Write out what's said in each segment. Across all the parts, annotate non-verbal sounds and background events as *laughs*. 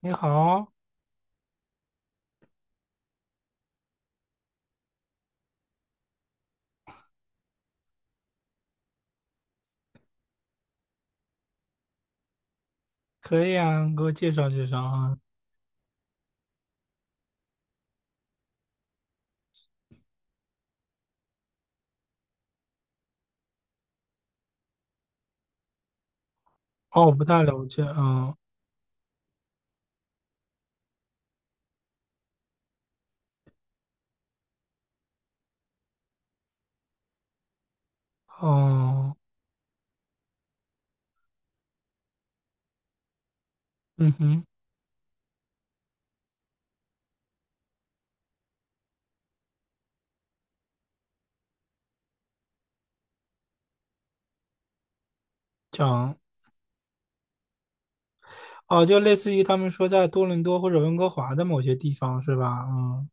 你好，可以啊，给我介绍介绍啊。哦，我不太了解，嗯，哦，嗯哼，讲，哦，就类似于他们说在多伦多或者温哥华的某些地方是吧？嗯，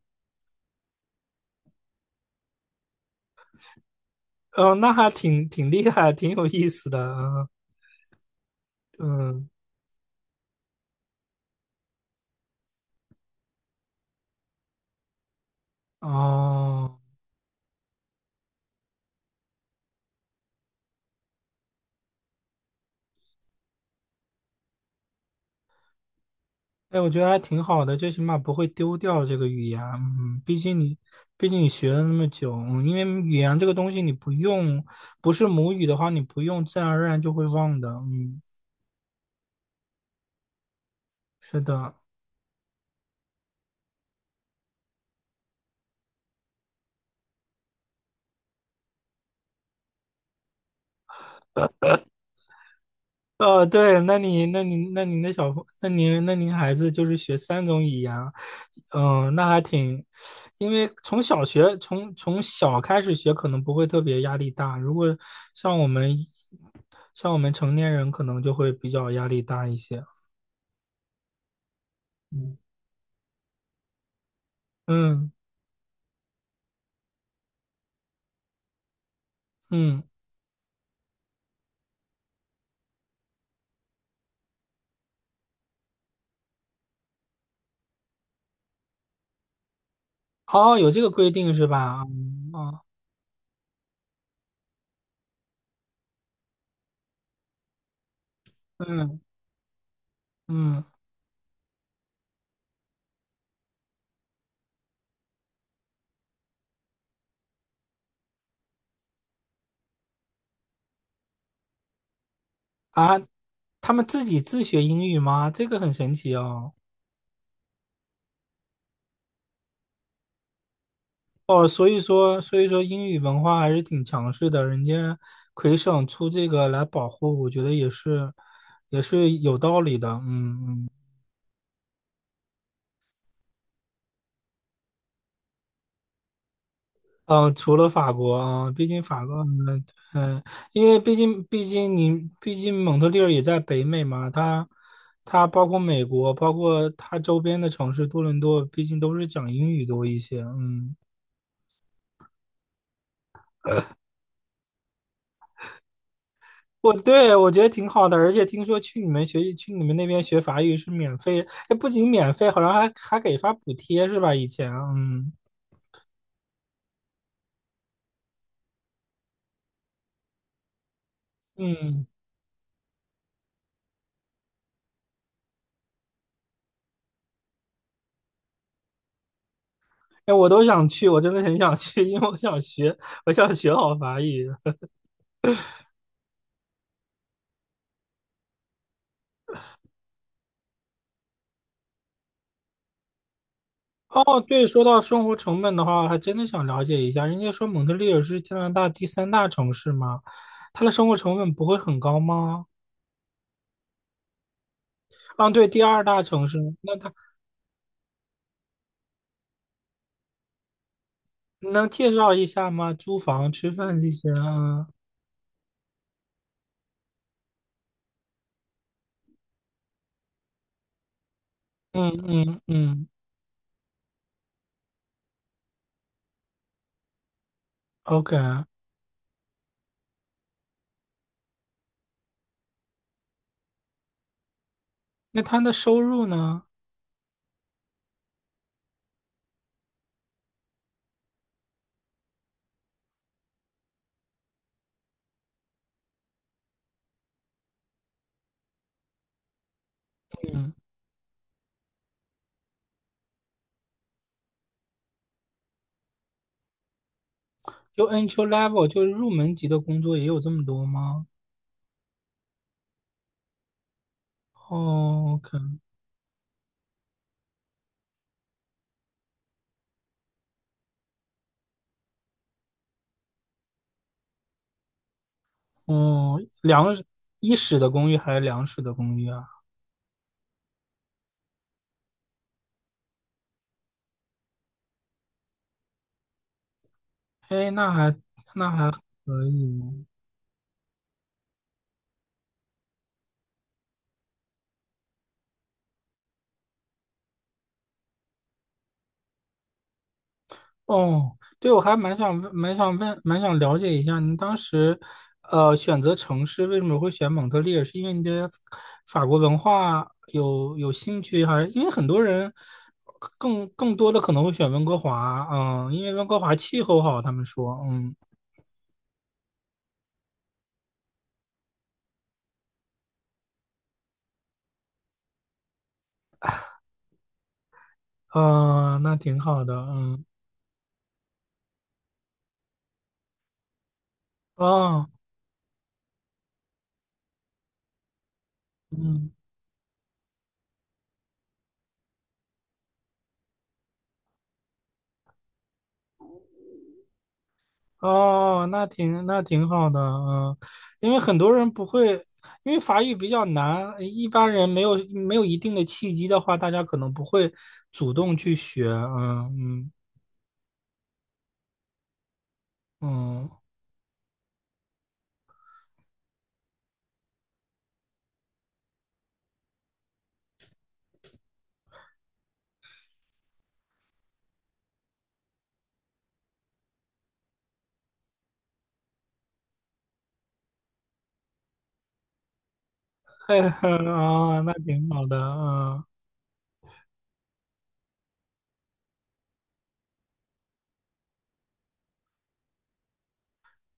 哦，那还挺厉害，挺有意思的，嗯，嗯，哦，哎，我觉得还挺好的，最起码不会丢掉这个语言，嗯，毕竟你，毕竟你学了那么久，因为语言这个东西你不用，不是母语的话，你不用，自然而然就会忘的，嗯，是的。哦，对，那你、那你、那您的小朋，那您孩子就是学3种语言啊。嗯，那还挺，因为从小开始学，可能不会特别压力大。如果像我们成年人，可能就会比较压力大一些。嗯，嗯嗯，哦，有这个规定是吧？嗯哦，嗯嗯啊，他们自己自学英语吗？这个很神奇哦。哦，所以说英语文化还是挺强势的，人家魁省出这个来保护，我觉得也是，也是有道理的。嗯嗯嗯，除了法国啊，毕竟法国，嗯嗯，因为毕竟蒙特利尔也在北美嘛，它包括美国，包括它周边的城市多伦多，毕竟都是讲英语多一些。嗯我觉得挺好的，而且听说去你们那边学法语是免费，哎，不仅免费，好像还给发补贴是吧？以前，嗯嗯，哎，我都想去，我真的很想去，因为我想学好法语。哦，对，说到生活成本的话，还真的想了解一下。人家说蒙特利尔是加拿大第三大城市吗？它的生活成本不会很高吗？啊，对，第二大城市，那它能介绍一下吗？租房、吃饭这些啊？嗯嗯嗯。OK，那他的收入呢？嗯，就 entry level 就是入门级的工作也有这么多吗？哦，OK，哦，一室的公寓还是两室的公寓啊？哎，那还可以。哦，对，我还蛮想了解一下，您当时，选择城市为什么会选蒙特利尔？是因为你对法国文化有兴趣，还是因为很多人更多的可能会选温哥华？嗯，因为温哥华气候好，他们说，嗯，嗯，那挺好的，嗯，啊、哦，那挺好的，嗯，因为很多人不会，因为法语比较难，一般人没有一定的契机的话，大家可能不会主动去学，嗯嗯嗯，嘿嘿，*laughs* 啊，那挺好的，嗯，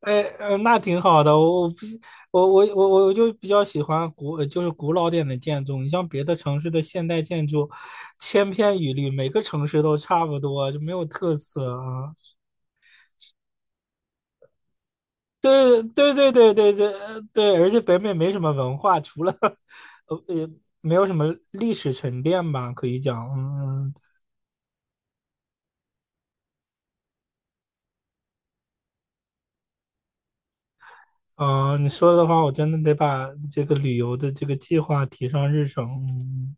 哎，那挺好的，我我不喜我我我我就比较喜欢古就是古老点的建筑，你像别的城市的现代建筑，千篇一律，每个城市都差不多，就没有特色啊，嗯对对对对对对对，而且北美没什么文化，除了 *laughs* 呃呃，没有什么历史沉淀吧，可以讲，嗯嗯、你说的话，我真的得把这个旅游的这个计划提上日程。嗯，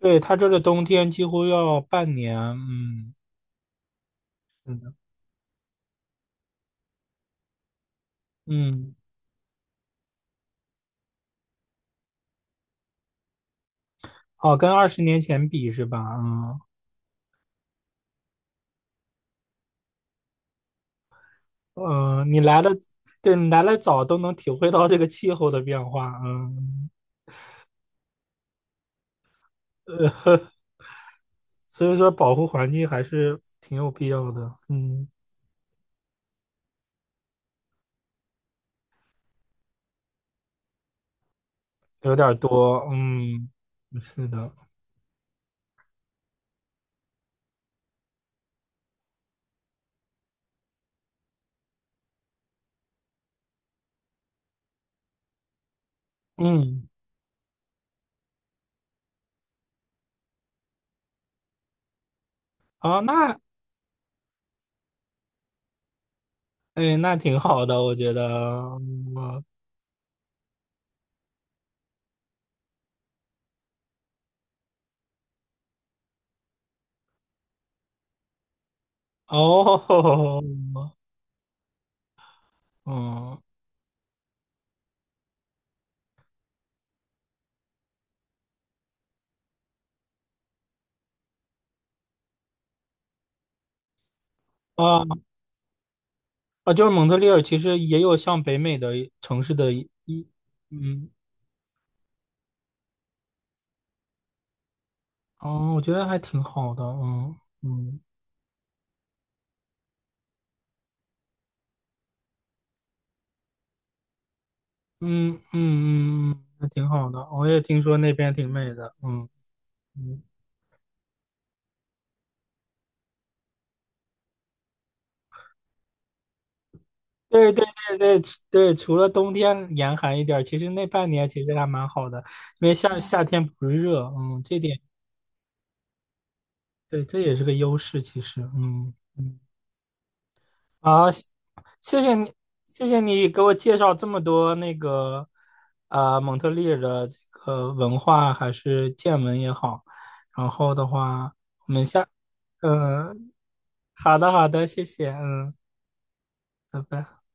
对，他这个冬天几乎要半年，嗯嗯，哦，跟20年前比是吧？嗯嗯、你来的，对你来的早，都能体会到这个气候的变化，嗯，*laughs* 所以说保护环境还是挺有必要的，嗯。有点儿多，嗯，是的，嗯，哦，那，哎，那挺好的，我觉得，嗯哦，嗯，啊啊，就是蒙特利尔其实也有像北美的城市的一，一嗯，哦，我觉得还挺好的，嗯嗯嗯嗯嗯，还挺好的，我也听说那边挺美的，嗯嗯。对对对对对，除了冬天严寒一点儿，其实那半年其实还蛮好的，因为夏天不热，嗯，这点对，这也是个优势，其实，嗯嗯，好，谢谢你，谢谢你给我介绍这么多那个啊、蒙特利尔的这个文化还是见闻也好，然后的话，嗯，好的好的，谢谢，嗯，拜拜。